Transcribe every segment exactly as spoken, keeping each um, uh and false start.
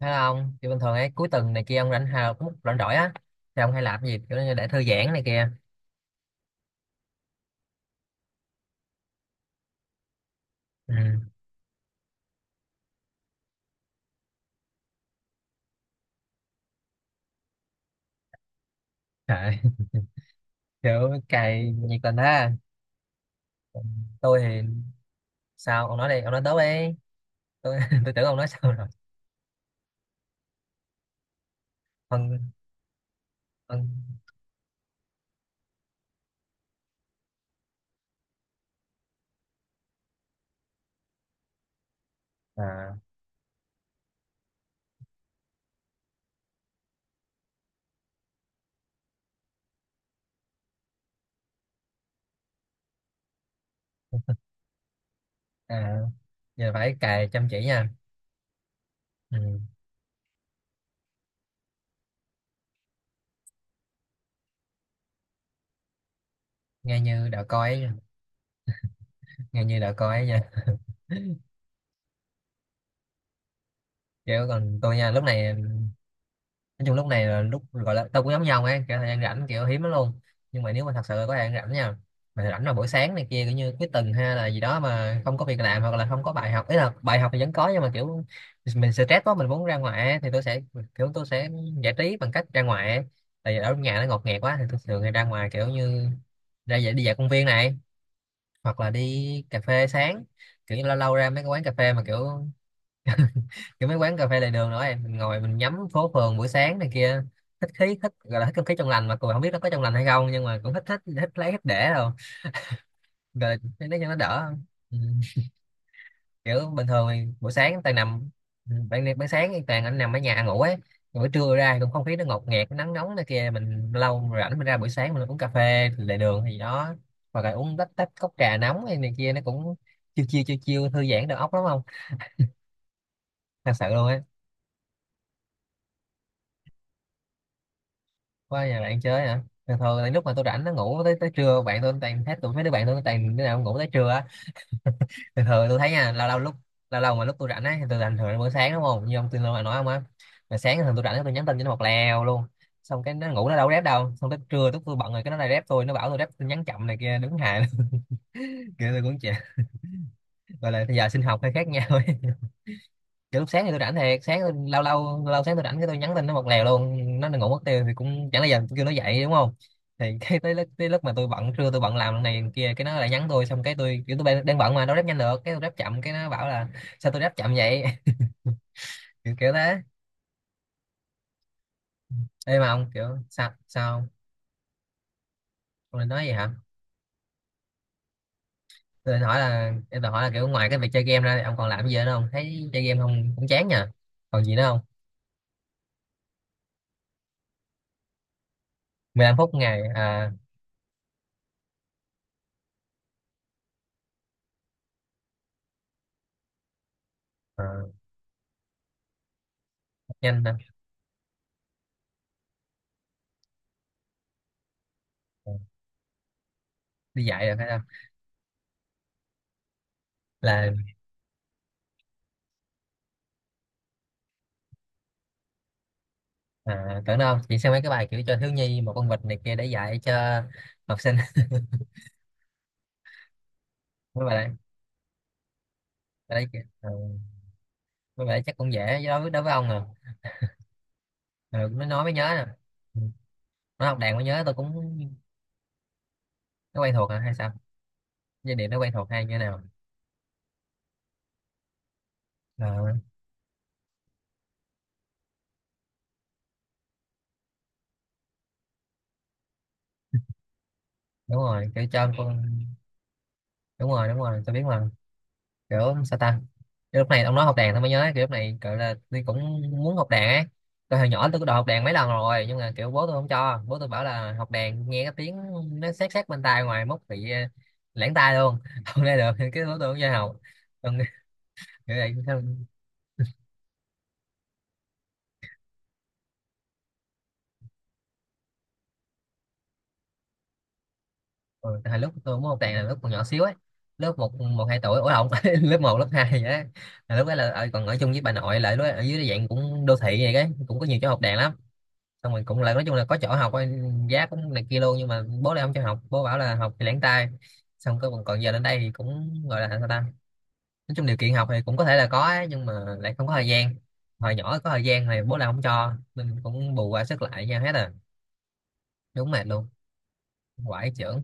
Thấy không? Thì bình thường ấy cuối tuần này kia ông rảnh hào cũng rảnh rỗi á thì ông hay làm cái gì kiểu như để thư giãn này kia. Ừ. À, kiểu cày nhiệt tình ha. Còn tôi thì sao ông nói đi, ông nói tốt đi. Tôi tôi tưởng ông nói sao rồi. Ông ông à, à, giờ phải cày chăm chỉ nha. Ừ. Nghe như đạo coi ấy, nghe như đạo coi ấy nha. Kiểu còn tôi nha, lúc này nói chung lúc này là lúc gọi là tao cũng giống nhau ấy, kiểu thời gian rảnh kiểu hiếm lắm luôn, nhưng mà nếu mà thật sự có thời gian rảnh nha, mà rảnh là buổi sáng này kia kiểu như cuối tuần hay là gì đó mà không có việc làm hoặc là không có bài học, ý là bài học thì vẫn có nhưng mà kiểu mình stress quá mình muốn ra ngoài ấy, thì tôi sẽ kiểu tôi sẽ giải trí bằng cách ra ngoài ấy. Tại vì ở nhà nó ngột ngạt quá thì tôi thường hay ra ngoài kiểu như ra dạy đi dạo công viên này hoặc là đi cà phê sáng, kiểu như lâu lâu ra mấy cái quán cà phê mà kiểu kiểu mấy quán cà phê lề đường nữa em mình ngồi mình nhắm phố phường buổi sáng này kia, thích khí thích gọi là thích không khí trong lành mà còn không biết nó có trong lành hay không nhưng mà cũng thích thích thích lấy thích để rồi, rồi để nó cho nó đỡ. Ừ. Kiểu bình thường thì buổi sáng toàn nằm, ừ, ban ban sáng thì toàn anh nằm ở nhà ngủ ấy. Còn buổi trưa ra cũng không khí nó ngột ngạt nó nắng nóng này kia, mình lâu rảnh mình ra buổi sáng mình uống cà phê lề đường gì đó, hoặc là uống tách tách cốc trà nóng hay này kia nó cũng chiêu chiêu chiêu chiêu thư giãn đầu óc lắm không, thật sự luôn á. Qua nhà bạn chơi hả? Thường thường là lúc mà tôi rảnh nó ngủ tới tới trưa, bạn tôi toàn hết tụi mấy đứa bạn tôi nó toàn đứa nào cũng ngủ tới trưa á. Thường thường tôi thấy nha, lâu lâu lúc lâu lâu mà lúc tôi rảnh á thì tôi rảnh thường là buổi sáng đúng không, như ông tin nói ông á, mà sáng thường tôi rảnh tôi nhắn tin cho nó một lèo luôn, xong cái nó ngủ nó đâu có rep đâu, xong tới trưa lúc tôi bận rồi cái nó lại rep tôi, nó bảo tôi rep tin nhắn chậm này kia, đúng hài luôn. Kiểu tôi cũng chả gọi là bây giờ sinh học hơi khác nhau ấy. Cái lúc sáng thì tôi rảnh thiệt sáng tôi, lâu lâu lâu sáng tôi rảnh cái tôi nhắn tin nó một lèo luôn, nó ngủ mất tiêu thì cũng chẳng là giờ tôi kêu nó dậy đúng không, thì cái tới lúc, tới lúc mà tôi bận trưa tôi bận làm lần này lần kia cái nó lại nhắn tôi, xong cái tôi kiểu tôi đang đang bận mà đâu ráp nhanh được, cái tôi ráp chậm cái nó bảo là sao tôi ráp chậm vậy. Kiểu, kiểu thế. Ê mà ông kiểu sao sao ông Ông nói gì hả? Tôi định hỏi là em định hỏi là kiểu ngoài cái việc chơi game ra thì ông còn làm gì nữa không, thấy chơi game không cũng chán nha, còn gì nữa không? mười lăm phút ngày à? À, nhanh nè. Đi dạy rồi phải không? Là à, tưởng đâu chị xem mấy cái bài kiểu cho thiếu nhi một con vịt này kia để dạy cho học sinh. Mấy bài đấy, bài đấy, kìa. Ừ, mấy bài đấy chắc cũng dễ đối với đối với ông à. Ừ, nó nói mới nhớ nè. Ừ, nó học đàn mới nhớ tôi cũng, nó quen thuộc à hay sao, giai điệu nó quen thuộc hay như thế nào. Ờ, đúng rồi kiểu cho con, đúng rồi đúng rồi tôi biết mà, kiểu sao ta. Cái lúc này ông nói học đàn tôi mới nhớ, kiểu lúc này gọi là tôi cũng muốn học đàn ấy, tôi hồi nhỏ tôi có đòi học đàn mấy lần rồi nhưng mà kiểu bố tôi không cho, bố tôi bảo là học đàn nghe cái tiếng nó sát sát bên tai ngoài mốt bị ờ, lãng tai luôn không nghe được cái bố tôi không cho học. Còn kiểu này sao. Ừ, hồi lúc tôi muốn học đàn là lúc còn nhỏ xíu ấy, lớp một một hai tuổi, ủa lộn lớp một lớp hai vậy đó. Là lúc đó là ở- còn ở chung với bà nội, lại lúc đó ở dưới cái dạng cũng đô thị vậy cái cũng có nhiều chỗ học đàn lắm, xong mình cũng là nói chung là có chỗ học, giá cũng này kia luôn, nhưng mà bố lại không cho học, bố bảo là học thì lẻn tay, xong cái còn giờ đến đây thì cũng gọi là sao ta, nói chung điều kiện học thì cũng có thể là có ấy, nhưng mà lại không có thời gian, hồi nhỏ có thời gian thì bố lại không cho, mình cũng bù qua sức lại nha hết à, đúng mệt luôn, quải trưởng.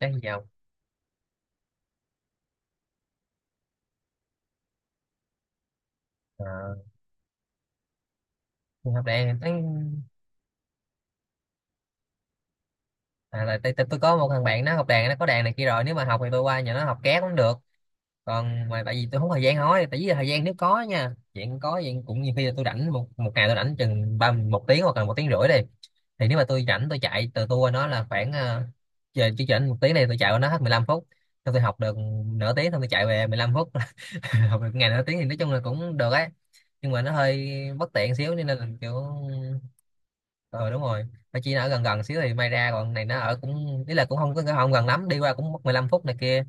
Cái gì không? À, học đàn thấy, à, là tôi, tôi, tôi có một thằng bạn nó học đàn nó có đàn này kia rồi, nếu mà học thì tôi qua nhà nó học ké cũng được, còn mà tại vì tôi không có thời gian, nói tại vì thời gian nếu có nha, chuyện có chuyện cũng như khi là tôi rảnh một một ngày tôi rảnh chừng ba một tiếng hoặc là một tiếng rưỡi đi, thì nếu mà tôi rảnh tôi chạy từ tour nó là khoảng ờ, giờ chỉ rảnh một tiếng này tôi chạy qua nó hết mười lăm phút, xong tôi học được nửa tiếng xong tôi chạy về mười lăm phút, học được ngày nửa tiếng thì nói chung là cũng được ấy, nhưng mà nó hơi bất tiện xíu nên là kiểu ờ đúng rồi, mà chỉ là ở gần gần xíu thì may ra, còn này nó ở cũng ý là cũng không có không gần lắm, đi qua cũng mất mười lăm phút này kia,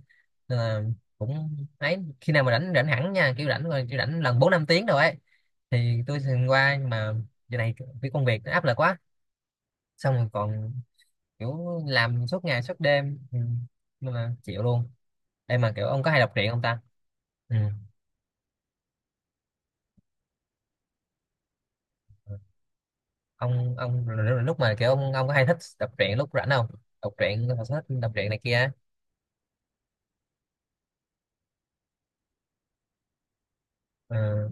nên là cũng ấy, khi nào mà rảnh rảnh hẳn nha, kiểu rảnh rồi kiểu rảnh lần bốn năm tiếng rồi ấy thì tôi thường qua, nhưng mà giờ này cái công việc nó áp lực quá, xong rồi còn kiểu làm suốt ngày suốt đêm. Ừ. Nên là chịu luôn. Em mà kiểu ông có hay đọc truyện không ta. Ừ. ông ông rồi- rồi lúc mà kiểu ông ông có hay thích đọc truyện lúc rảnh không, đọc truyện thích đọc truyện này kia. Ừ.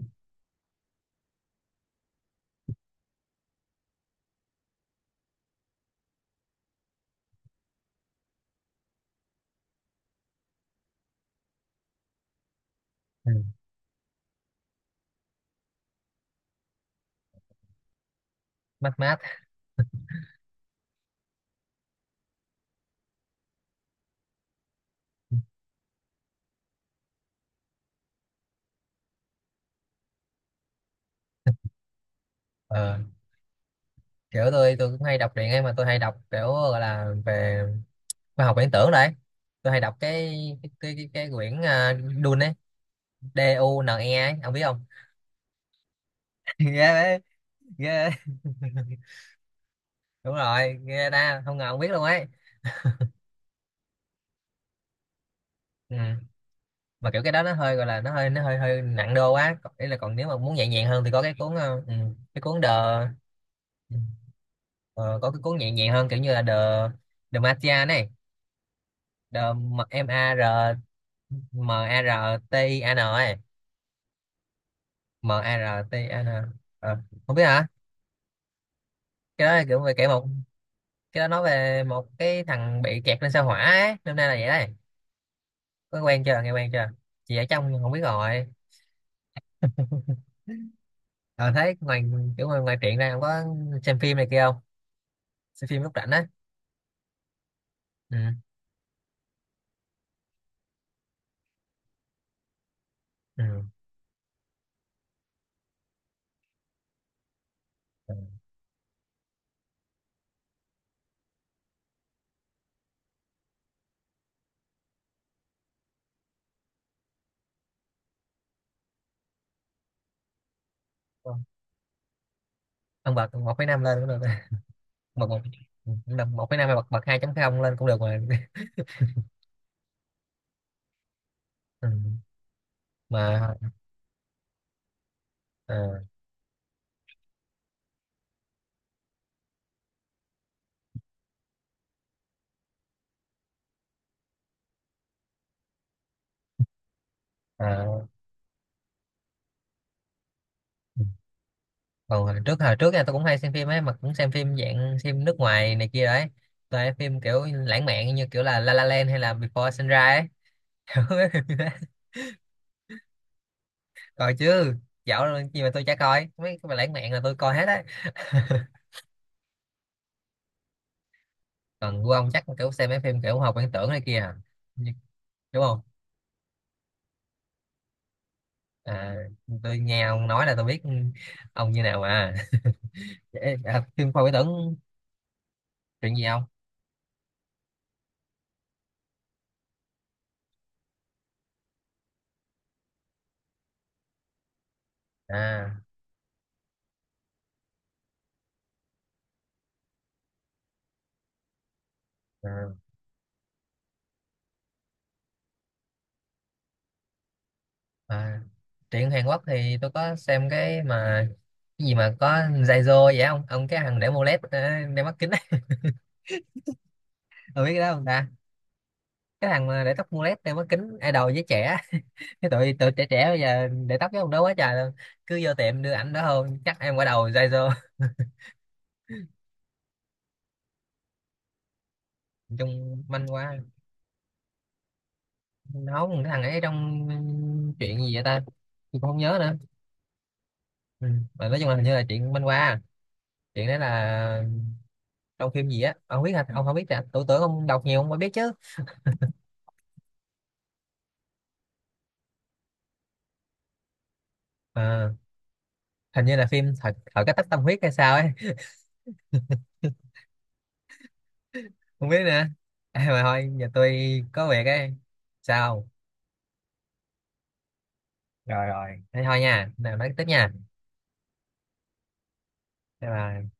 Ừ. Mát mát. Ờ, kiểu tôi tôi cũng hay đọc truyện ấy, mà tôi hay đọc kiểu gọi là về khoa học viễn tưởng đấy, tôi hay đọc cái cái cái, cái, cái quyển uh, Dune ấy, D U N E ấy ông biết không. Ghê đấy, ghê đấy. Đúng rồi, nghe ta không ngờ ông biết luôn ấy. Ừ. Mà kiểu cái đó nó hơi gọi là nó hơi nó hơi hơi nặng đô quá, còn, ý là còn nếu mà muốn nhẹ nhàng hơn thì có cái cuốn ờ, ừ, cái cuốn The, ừ, ờ, có cái cuốn nhẹ nhàng hơn kiểu như là The, The Martian này, The M A R M A R T I A N ấy, m A r M A R T N à, Ờ, không biết hả. Cái đó là kiểu về kể một, cái đó nói về một cái thằng bị kẹt lên sao hỏa ấy. Năm nay là vậy đấy, có quen chưa nghe quen chưa, chị ở trong không biết rồi. Ờ thấy ngoài, kiểu ngoài, ngoài truyện ra không có xem phim này kia không, xem phim lúc rảnh á. Ừ. Ừ. Ông bật một phẩy năm lên cũng được. Bật một, một phẩy năm hay bật bật hai chấm không lên cũng được mà. Ừ. mà ờ, ờ. Còn hồi trước hồi trước nha tôi cũng hay xem phim ấy, mà cũng xem phim dạng phim nước ngoài này kia đấy, tôi hay phim kiểu lãng mạn như kiểu là La La Land hay là Before Sunrise ấy. Mấy phim như thế. Coi chứ, dạo rồi gì mà tôi chả coi, mấy cái mà lãng mạn là tôi coi hết đấy. Còn của ông chắc kiểu xem mấy phim kiểu học viễn tưởng này kia à. Như- đúng không? À, tôi nghe ông nói là tôi biết ông như nào mà. Ê, à, phim khoa viễn tưởng. Chuyện gì không? À, à à, truyện Hàn Quốc thì tôi có xem cái mà cái gì mà có Zaizo vậy không ông, cái thằng để mô led ờ, đeo mắt kính. Tôi biết cái đó không ta, cái thằng mà để tóc mô led đeo mắt kính idol với trẻ, cái tụi tụi trẻ trẻ bây giờ để tóc với ông đó quá trời luôn, cứ vô tiệm đưa ảnh đó hơn chắc em quả đầu Zaizo. Chung manh quá, nấu cái thằng ấy trong chuyện gì vậy ta. Tôi cũng không nhớ nữa. Ừ. Mà nói chung là hình như là chuyện manh qua, chuyện đó là trong phim gì á, ông không biết hả, ông không biết à, tôi tưởng ông đọc nhiều ông mới biết chứ. À, hình như là phim thật thật cái tách tâm huyết hay sao ấy. Không biết nữa. À, mà thôi giờ tôi có việc ấy. Sao? Rồi rồi thế thôi nha, nào nói tiếp nha. Bye bye.